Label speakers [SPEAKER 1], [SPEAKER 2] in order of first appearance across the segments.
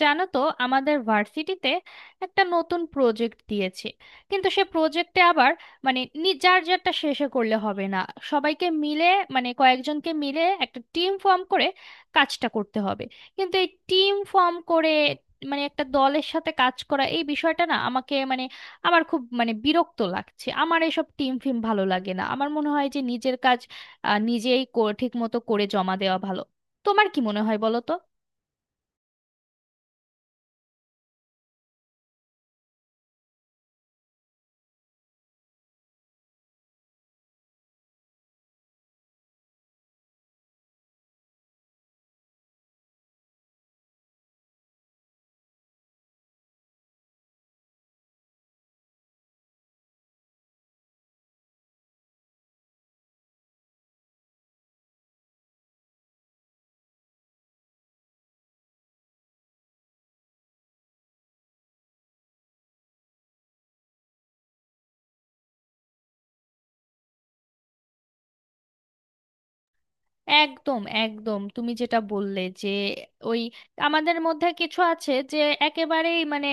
[SPEAKER 1] জানো তো, আমাদের ভার্সিটিতে একটা নতুন প্রজেক্ট দিয়েছে, কিন্তু সে প্রজেক্টে আবার মানে যার যারটা শেষে করলে হবে না, সবাইকে মিলে মানে কয়েকজনকে মিলে একটা টিম ফর্ম করে কাজটা করতে হবে। কিন্তু এই টিম ফর্ম করে মানে একটা দলের সাথে কাজ করা এই বিষয়টা না আমাকে মানে আমার খুব মানে বিরক্ত লাগছে। আমার এসব টিম ফিম ভালো লাগে না, আমার মনে হয় যে নিজের কাজ নিজেই ঠিক মতো করে জমা দেওয়া ভালো। তোমার কি মনে হয় বলো তো? একদম একদম, তুমি যেটা বললে, যে ওই আমাদের মধ্যে কিছু আছে যে একেবারেই মানে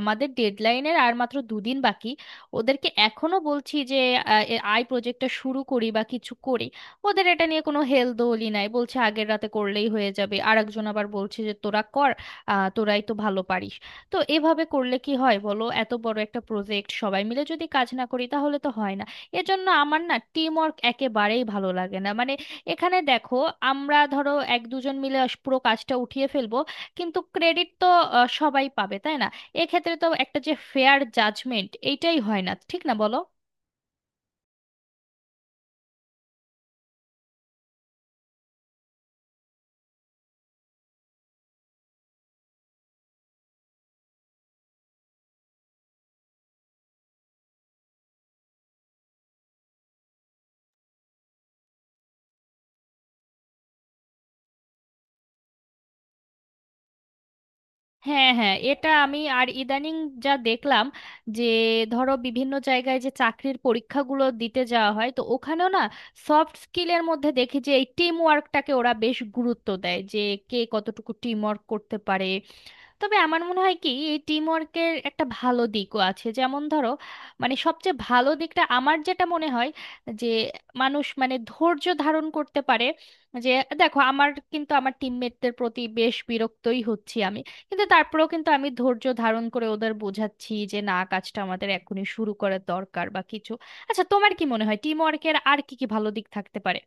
[SPEAKER 1] আমাদের ডেডলাইনের আর মাত্র দুদিন বাকি, ওদেরকে এখনো বলছি যে আই প্রজেক্টটা শুরু করি বা কিছু করি, ওদের এটা নিয়ে কোনো হেলদোলই নাই। বলছে আগের রাতে করলেই হয়ে যাবে, আর একজন আবার বলছে যে তোরা কর, তোরাই তো ভালো পারিস। তো এভাবে করলে কি হয় বলো, এত বড় একটা প্রজেক্ট সবাই মিলে যদি কাজ না করি তাহলে তো হয় না। এজন্য আমার না টিম ওয়ার্ক একেবারেই ভালো লাগে না। মানে এখানে দেখো, আমরা ধরো এক দুজন মিলে পুরো কাজটা উঠিয়ে ফেলবো, কিন্তু ক্রেডিট তো সবাই পাবে তাই না? এক্ষেত্রে তো একটা যে ফেয়ার জাজমেন্ট এইটাই হয় না, ঠিক না বলো? হ্যাঁ হ্যাঁ, এটা আমি আর ইদানিং যা দেখলাম, যে ধরো বিভিন্ন জায়গায় যে চাকরির পরীক্ষাগুলো দিতে যাওয়া হয়, তো ওখানেও না সফট স্কিলের মধ্যে দেখি যে এই টিম ওয়ার্কটাকে ওরা বেশ গুরুত্ব দেয়, যে কে কতটুকু টিম ওয়ার্ক করতে পারে। তবে আমার মনে হয় কি, এই টিম ওয়ার্কের একটা ভালো দিকও আছে। যেমন ধরো, মানে সবচেয়ে ভালো দিকটা আমার যেটা মনে হয়, যে মানুষ মানে ধৈর্য ধারণ করতে পারে। যে দেখো, আমার কিন্তু আমার টিমমেটদের প্রতি বেশ বিরক্তই হচ্ছি আমি, কিন্তু তারপরেও কিন্তু আমি ধৈর্য ধারণ করে ওদের বোঝাচ্ছি যে না, কাজটা আমাদের এখনই শুরু করার দরকার বা কিছু। আচ্ছা তোমার কি মনে হয় টিম ওয়ার্কের আর কি কি ভালো দিক থাকতে পারে?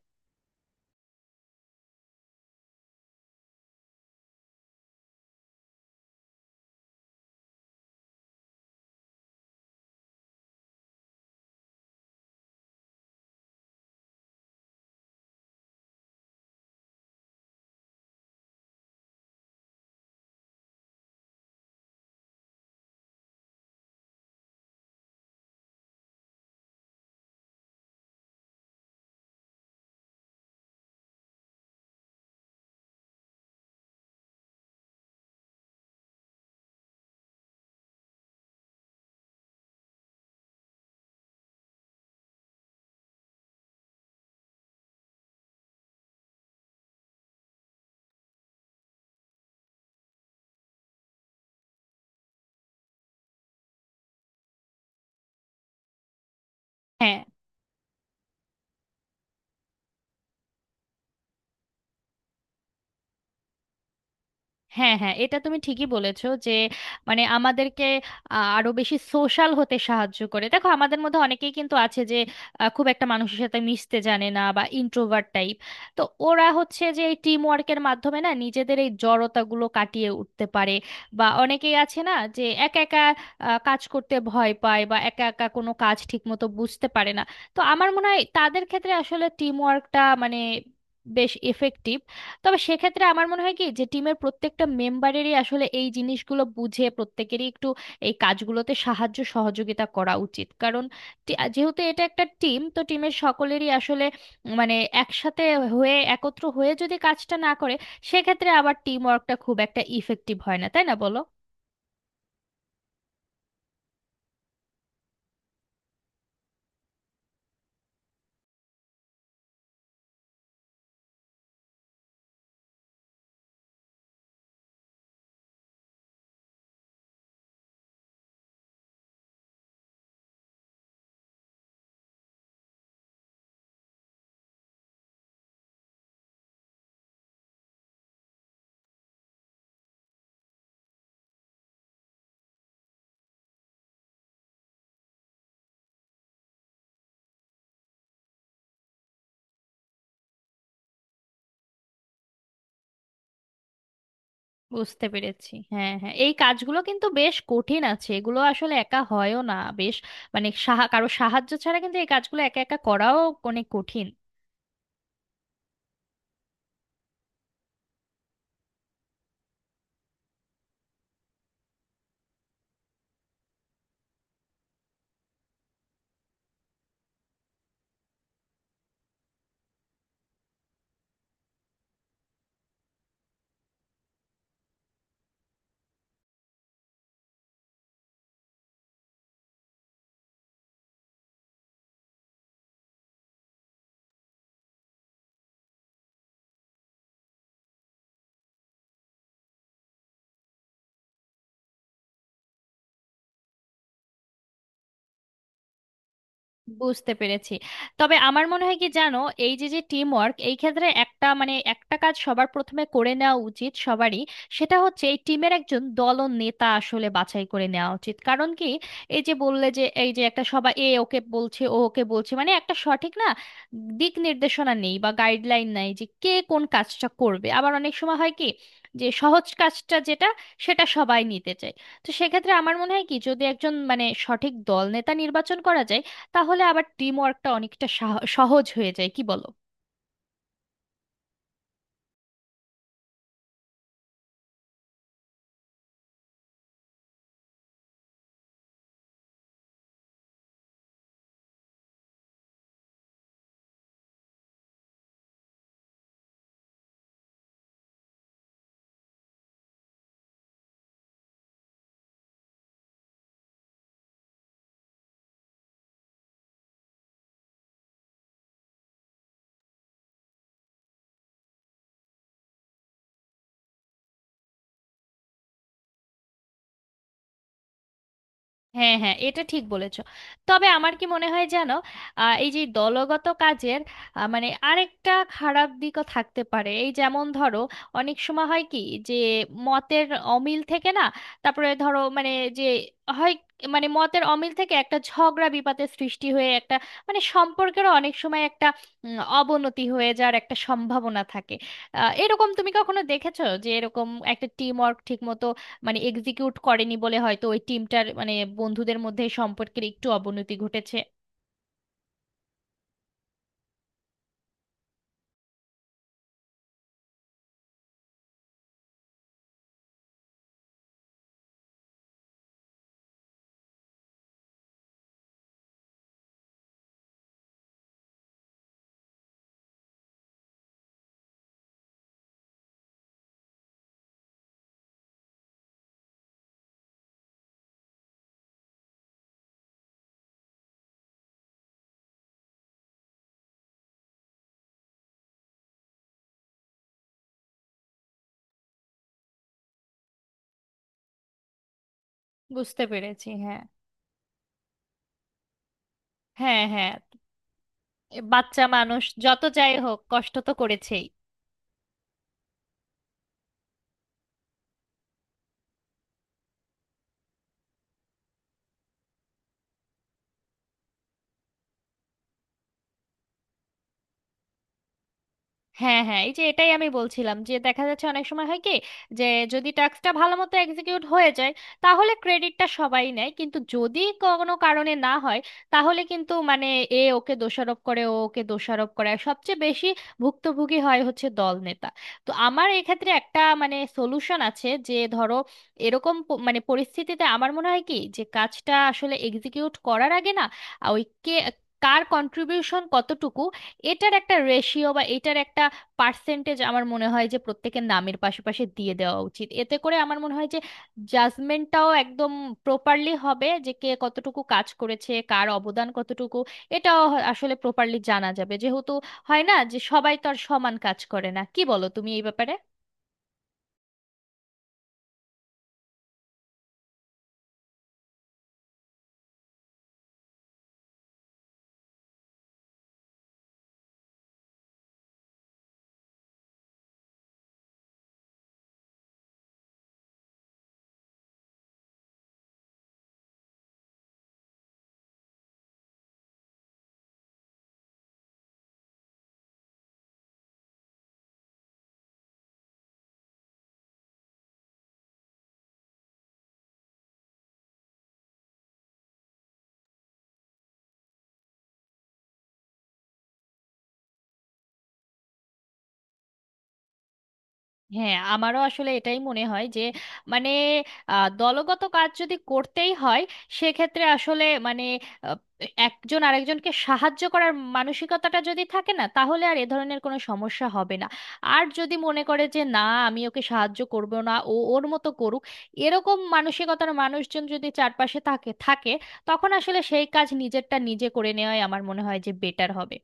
[SPEAKER 1] হ্যাঁ হ্যাঁ, এটা তুমি ঠিকই বলেছো যে মানে আমাদেরকে আরো বেশি সোশ্যাল হতে সাহায্য করে। দেখো, আমাদের মধ্যে অনেকেই কিন্তু আছে যে খুব একটা মানুষের সাথে মিশতে জানে না বা ইন্ট্রোভার্ট টাইপ। তো ওরা হচ্ছে যে এই টিম ওয়ার্কের মাধ্যমে না নিজেদের এই জড়তাগুলো কাটিয়ে উঠতে পারে, বা অনেকেই আছে না যে একা একা কাজ করতে ভয় পায় বা একা একা কোনো কাজ ঠিক মতো বুঝতে পারে না। তো আমার মনে হয় তাদের ক্ষেত্রে আসলে টিম ওয়ার্কটা মানে বেশ এফেক্টিভ। তবে সেক্ষেত্রে আমার মনে হয় কি, যে টিমের প্রত্যেকটা মেম্বারেরই আসলে এই জিনিসগুলো বুঝে প্রত্যেকেরই একটু এই কাজগুলোতে সাহায্য সহযোগিতা করা উচিত, কারণ যেহেতু এটা একটা টিম, তো টিমের সকলেরই আসলে মানে একসাথে হয়ে একত্র হয়ে যদি কাজটা না করে, সেক্ষেত্রে আবার টিম ওয়ার্কটা খুব একটা ইফেক্টিভ হয় না, তাই না বলো? বুঝতে পেরেছি, হ্যাঁ হ্যাঁ, এই কাজগুলো কিন্তু বেশ কঠিন আছে, এগুলো আসলে একা হয়ও না। বেশ, মানে কারো সাহায্য ছাড়া কিন্তু এই কাজগুলো একা একা করাও অনেক কঠিন। বুঝতে পেরেছি। তবে আমার মনে হয় কি জানো, এই যে যে টিম ওয়ার্ক, এই ক্ষেত্রে একটা মানে একটা কাজ সবার প্রথমে করে নেওয়া উচিত সবারই। সেটা হচ্ছে এই টিমের একজন দল নেতা আসলে বাছাই করে নেওয়া উচিত। কারণ কি, এই যে বললে যে এই যে একটা সবাই এ ওকে বলছে ও ওকে বলছে, মানে একটা সঠিক না দিক নির্দেশনা নেই বা গাইডলাইন নাই যে কে কোন কাজটা করবে। আবার অনেক সময় হয় কি, যে সহজ কাজটা যেটা, সেটা সবাই নিতে চায়। তো সেক্ষেত্রে আমার মনে হয় কি, যদি একজন মানে সঠিক দল নেতা নির্বাচন করা যায়, তাহলে আবার টিম ওয়ার্কটা অনেকটা সহজ হয়ে যায়, কি বলো? হ্যাঁ হ্যাঁ, এটা ঠিক বলেছো। তবে আমার কি মনে হয় জানো, এই যে দলগত কাজের মানে আরেকটা খারাপ দিকও থাকতে পারে। এই যেমন ধরো, অনেক সময় হয় কি, যে মতের অমিল থেকে না, তারপরে ধরো মানে, যে হয় মানে মতের অমিল থেকে একটা ঝগড়া বিবাদের সৃষ্টি হয়ে একটা মানে সম্পর্কেরও অনেক সময় একটা অবনতি হয়ে যাওয়ার একটা সম্ভাবনা থাকে। এরকম তুমি কখনো দেখেছো যে এরকম একটা টিম ওয়ার্ক ঠিক মানে এক্সিকিউট করেনি বলে হয়তো ওই টিমটার মানে বন্ধুদের মধ্যে সম্পর্কের একটু অবনতি ঘটেছে? বুঝতে পেরেছি, হ্যাঁ হ্যাঁ। হ্যাঁ, এ বাচ্চা মানুষ, যত যাই হোক কষ্ট তো করেছেই। হ্যাঁ হ্যাঁ, এই যে এটাই আমি বলছিলাম যে দেখা যাচ্ছে অনেক সময় হয় কি, যে যদি টাস্কটা ভালো মতো এক্সিকিউট হয়ে যায় তাহলে ক্রেডিটটা সবাই নেয়, কিন্তু যদি কোনো কারণে না হয় তাহলে কিন্তু মানে এ ওকে দোষারোপ করে ও ওকে দোষারোপ করে, আর সবচেয়ে বেশি ভুক্তভোগী হয় হচ্ছে দল নেতা। তো আমার এক্ষেত্রে একটা মানে সলিউশন আছে, যে ধরো এরকম মানে পরিস্থিতিতে আমার মনে হয় কি, যে কাজটা আসলে এক্সিকিউট করার আগে না ওই কে কার কন্ট্রিবিউশন কতটুকু, এটার একটা রেশিও বা এটার একটা পার্সেন্টেজ আমার মনে হয় যে প্রত্যেকের নামের পাশে পাশে দিয়ে দেওয়া উচিত। এতে করে আমার মনে হয় যে জাজমেন্টটাও একদম প্রপারলি হবে, যে কে কতটুকু কাজ করেছে, কার অবদান কতটুকু, এটাও আসলে প্রপারলি জানা যাবে, যেহেতু হয় না যে সবাই তো আর সমান কাজ করে না। কি বলো তুমি এই ব্যাপারে? হ্যাঁ, আমারও আসলে এটাই মনে হয় যে মানে দলগত কাজ যদি করতেই হয়, সেক্ষেত্রে আসলে মানে আহ, একজন আরেকজনকে সাহায্য করার মানসিকতাটা যদি থাকে না, তাহলে আর এ ধরনের কোনো সমস্যা হবে না। আর যদি মনে করে যে না, আমি ওকে সাহায্য করব না, ও ওর মতো করুক, এরকম মানসিকতার মানুষজন যদি চারপাশে থাকে থাকে, তখন আসলে সেই কাজ নিজেরটা নিজে করে নেওয়াই আমার মনে হয় যে বেটার হবে।